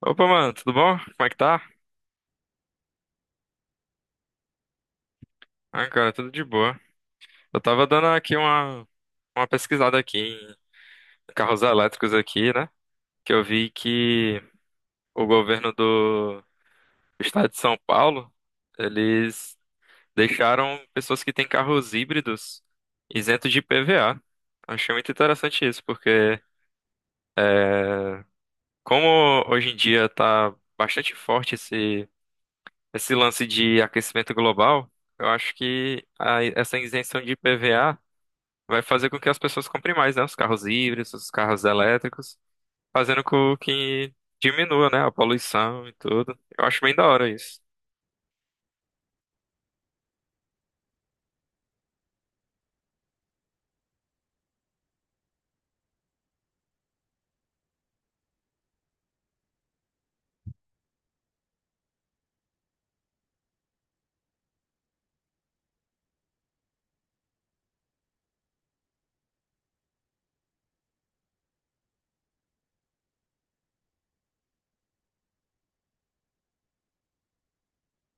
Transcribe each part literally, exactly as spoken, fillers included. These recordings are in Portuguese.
Opa, mano, tudo bom? Como é que tá? Ah, cara, tudo de boa. Eu tava dando aqui uma, uma pesquisada aqui em carros elétricos aqui, né? Que eu vi que o governo do estado de São Paulo, eles deixaram pessoas que têm carros híbridos isentos de IPVA. Achei muito interessante isso, porque é, como hoje em dia tá bastante forte esse, esse lance de aquecimento global, eu acho que a- essa isenção de IPVA vai fazer com que as pessoas comprem mais, né? Os carros híbridos, os carros elétricos, fazendo com que diminua, né? A poluição e tudo. Eu acho bem da hora isso.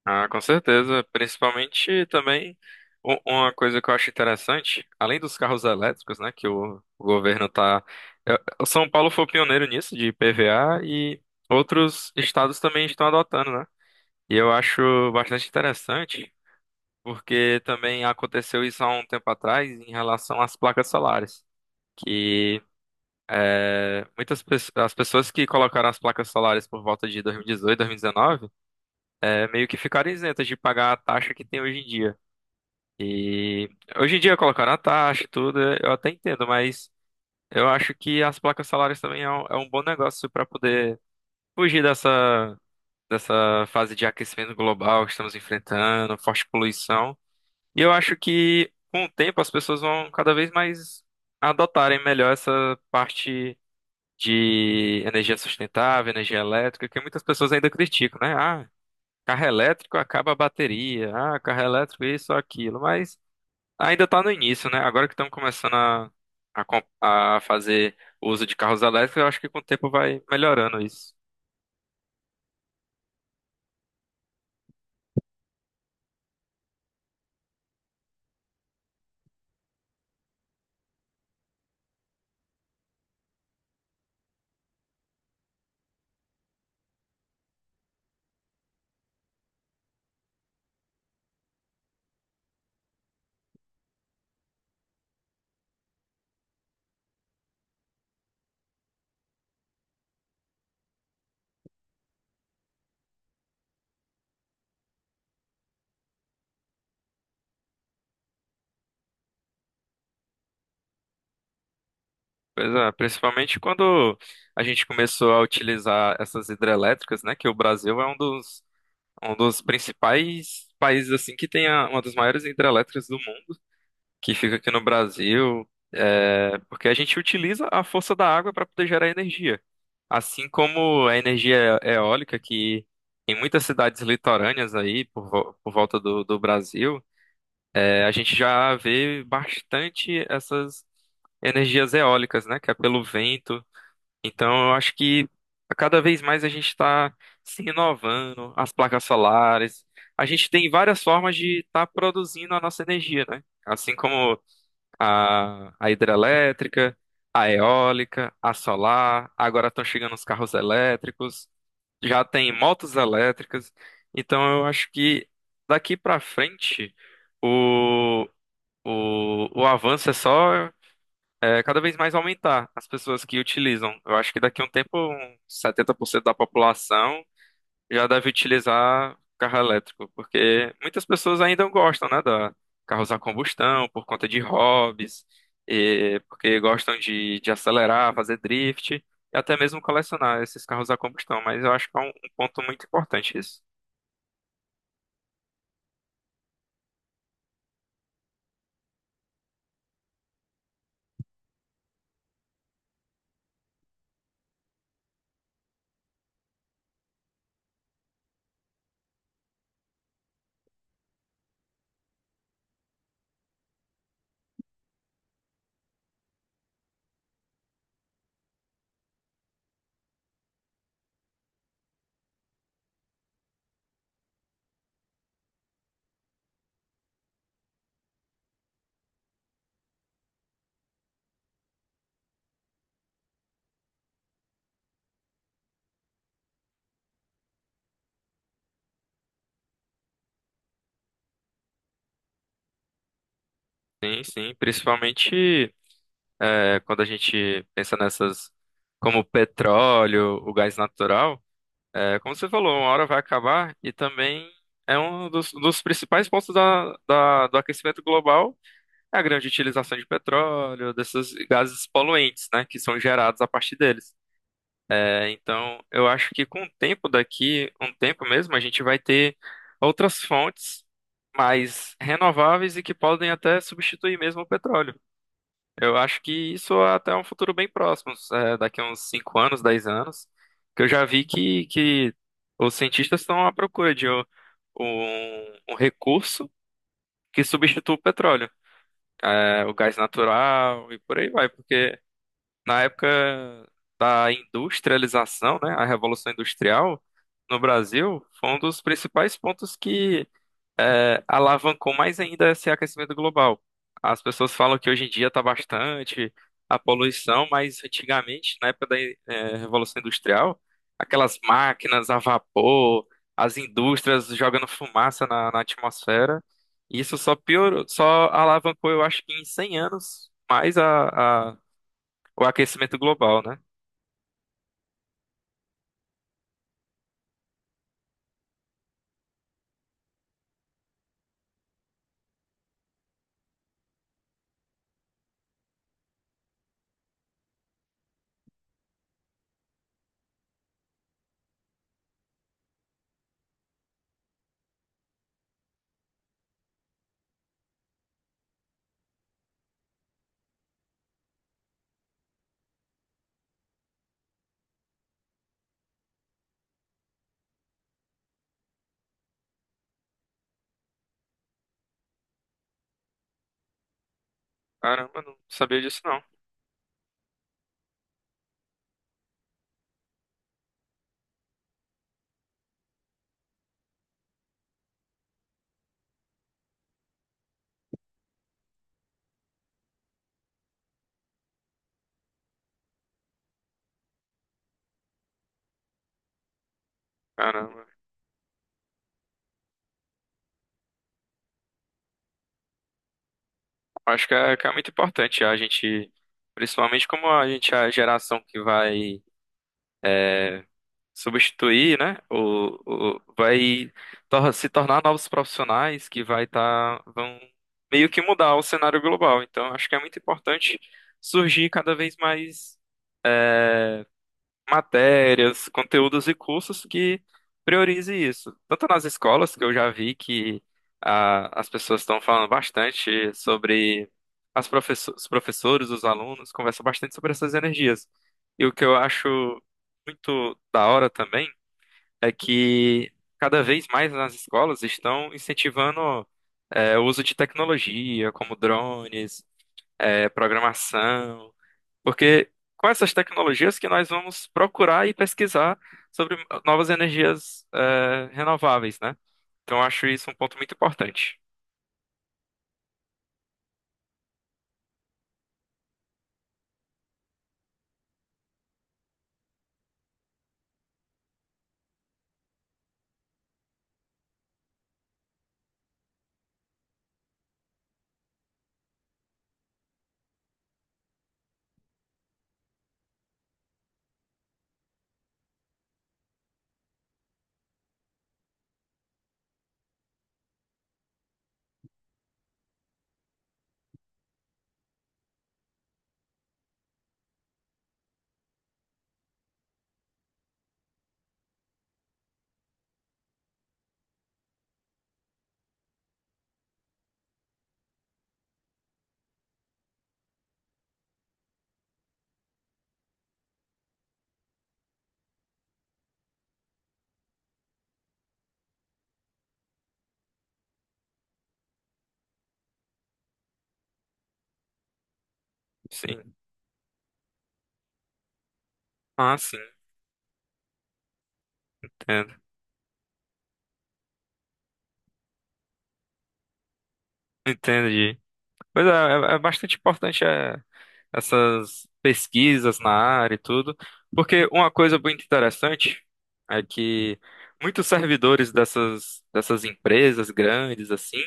Ah, com certeza. Principalmente também u- uma coisa que eu acho interessante, além dos carros elétricos, né? Que o, o governo tá. eu- O São Paulo foi o pioneiro nisso, de IPVA, e outros estados também estão adotando, né? E eu acho bastante interessante, porque também aconteceu isso há um tempo atrás em relação às placas solares. Que é, muitas pessoas, as pessoas que colocaram as placas solares por volta de dois mil e dezoito, dois mil e dezenove, é, meio que ficaram isentas de pagar a taxa que tem hoje em dia. E hoje em dia colocaram a taxa e tudo, eu até entendo, mas eu acho que as placas solares também é um, é um bom negócio para poder fugir dessa, dessa fase de aquecimento global que estamos enfrentando, forte poluição. E eu acho que com o tempo as pessoas vão cada vez mais adotarem melhor essa parte de energia sustentável, energia elétrica, que muitas pessoas ainda criticam, né? Ah, carro elétrico acaba a bateria, ah, carro elétrico isso, aquilo, mas ainda está no início, né? Agora que estamos começando a, a, com- a fazer uso de carros elétricos, eu acho que com o tempo vai melhorando isso. Pois é, principalmente quando a gente começou a utilizar essas hidrelétricas, né? Que o Brasil é um dos, um dos principais países assim que tem a- uma das maiores hidrelétricas do mundo. Que fica aqui no Brasil, é, porque a gente utiliza a força da água para poder gerar energia. Assim como a energia eólica, que em muitas cidades litorâneas aí, por, vo- por volta do, do Brasil, é, a gente já vê bastante essas energias eólicas, né? Que é pelo vento. Então, eu acho que cada vez mais a gente está se inovando, as placas solares. A gente tem várias formas de estar produzindo a nossa energia, né? Assim como a, a hidrelétrica, a eólica, a solar, agora estão chegando os carros elétricos, já tem motos elétricas, então eu acho que daqui para frente o, o, o avanço é só é, cada vez mais aumentar as pessoas que utilizam. Eu acho que daqui a um tempo, uns setenta por cento da população já deve utilizar carro elétrico, porque muitas pessoas ainda gostam, né, da carros a combustão por conta de hobbies, e porque gostam de, de acelerar, fazer drift e até mesmo colecionar esses carros a combustão. Mas eu acho que é um, um ponto muito importante isso. Sim, sim, principalmente é, quando a gente pensa nessas como o petróleo, o gás natural, é, como você falou, uma hora vai acabar e também é um dos, dos principais pontos da, da- do aquecimento global. É a grande utilização de petróleo, desses gases poluentes, né, que são gerados a partir deles. É, então, eu acho que com o tempo daqui, um tempo mesmo, a gente vai ter outras fontes mais renováveis e que podem até substituir mesmo o petróleo. Eu acho que isso é até um futuro bem próximo, é, daqui a uns cinco anos, dez anos, que eu já vi que, que os cientistas estão à procura de um, um um recurso que substitua o petróleo é, o gás natural e por aí vai, porque na época da industrialização, né, a Revolução Industrial no Brasil foi um dos principais pontos que é, alavancou mais ainda esse aquecimento global. As pessoas falam que hoje em dia está bastante a poluição, mas antigamente, na época da eh, Revolução Industrial, aquelas máquinas a vapor, as indústrias jogando fumaça na, na atmosfera, isso só piorou, só alavancou, eu acho que em cem anos, mais a, a- o aquecimento global, né? Caramba, não sabia disso não. Caramba. Acho que é, que é muito importante a gente, principalmente como a gente é a geração que vai substituir, né? O, o- vai tor- se tornar novos profissionais que vai estar vão meio que mudar o cenário global. Então, acho que é muito importante surgir cada vez mais matérias, conteúdos e cursos que priorize isso. Tanto nas escolas, que eu já vi que ah, as pessoas estão falando bastante sobre as professo- os professores, os alunos, conversam bastante sobre essas energias. E o que eu acho muito da hora também é que cada vez mais nas escolas estão incentivando eh, o uso de tecnologia, como drones, eh, programação. Porque com essas tecnologias que nós vamos procurar e pesquisar sobre novas energias eh, renováveis, né? Então eu acho isso um ponto muito importante. Sim. Ah, sim, entendo. Entendi. Pois é, é, é bastante importante eh, essas pesquisas na área e tudo, porque uma coisa muito interessante é que muitos servidores dessas, dessas empresas grandes, assim,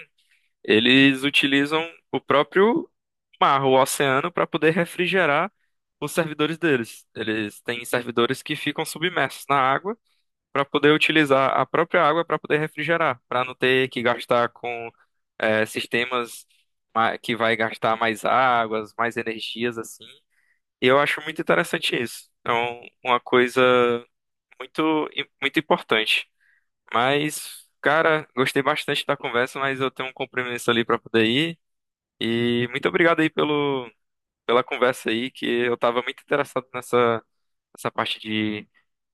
eles utilizam o próprio mar, o oceano, para poder refrigerar os servidores deles. Eles têm servidores que ficam submersos na água para poder utilizar a própria água para poder refrigerar, para não ter que gastar com eh, sistemas ma- que vai gastar mais águas, mais energias assim. E eu acho muito interessante isso. É um- uma coisa muito im- muito importante. Mas, cara, gostei bastante da conversa, mas eu tenho um compromisso ali para poder ir. E muito obrigado aí pelo, pela conversa aí, que eu estava muito interessado nessa, nessa parte de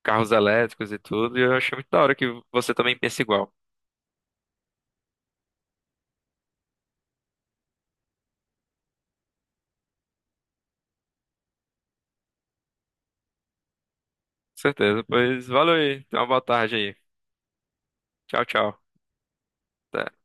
carros elétricos e tudo, e eu achei muito da hora que você também pensa igual. Com certeza. Pois valeu aí, tenha uma boa tarde aí. Tchau, tchau. Até.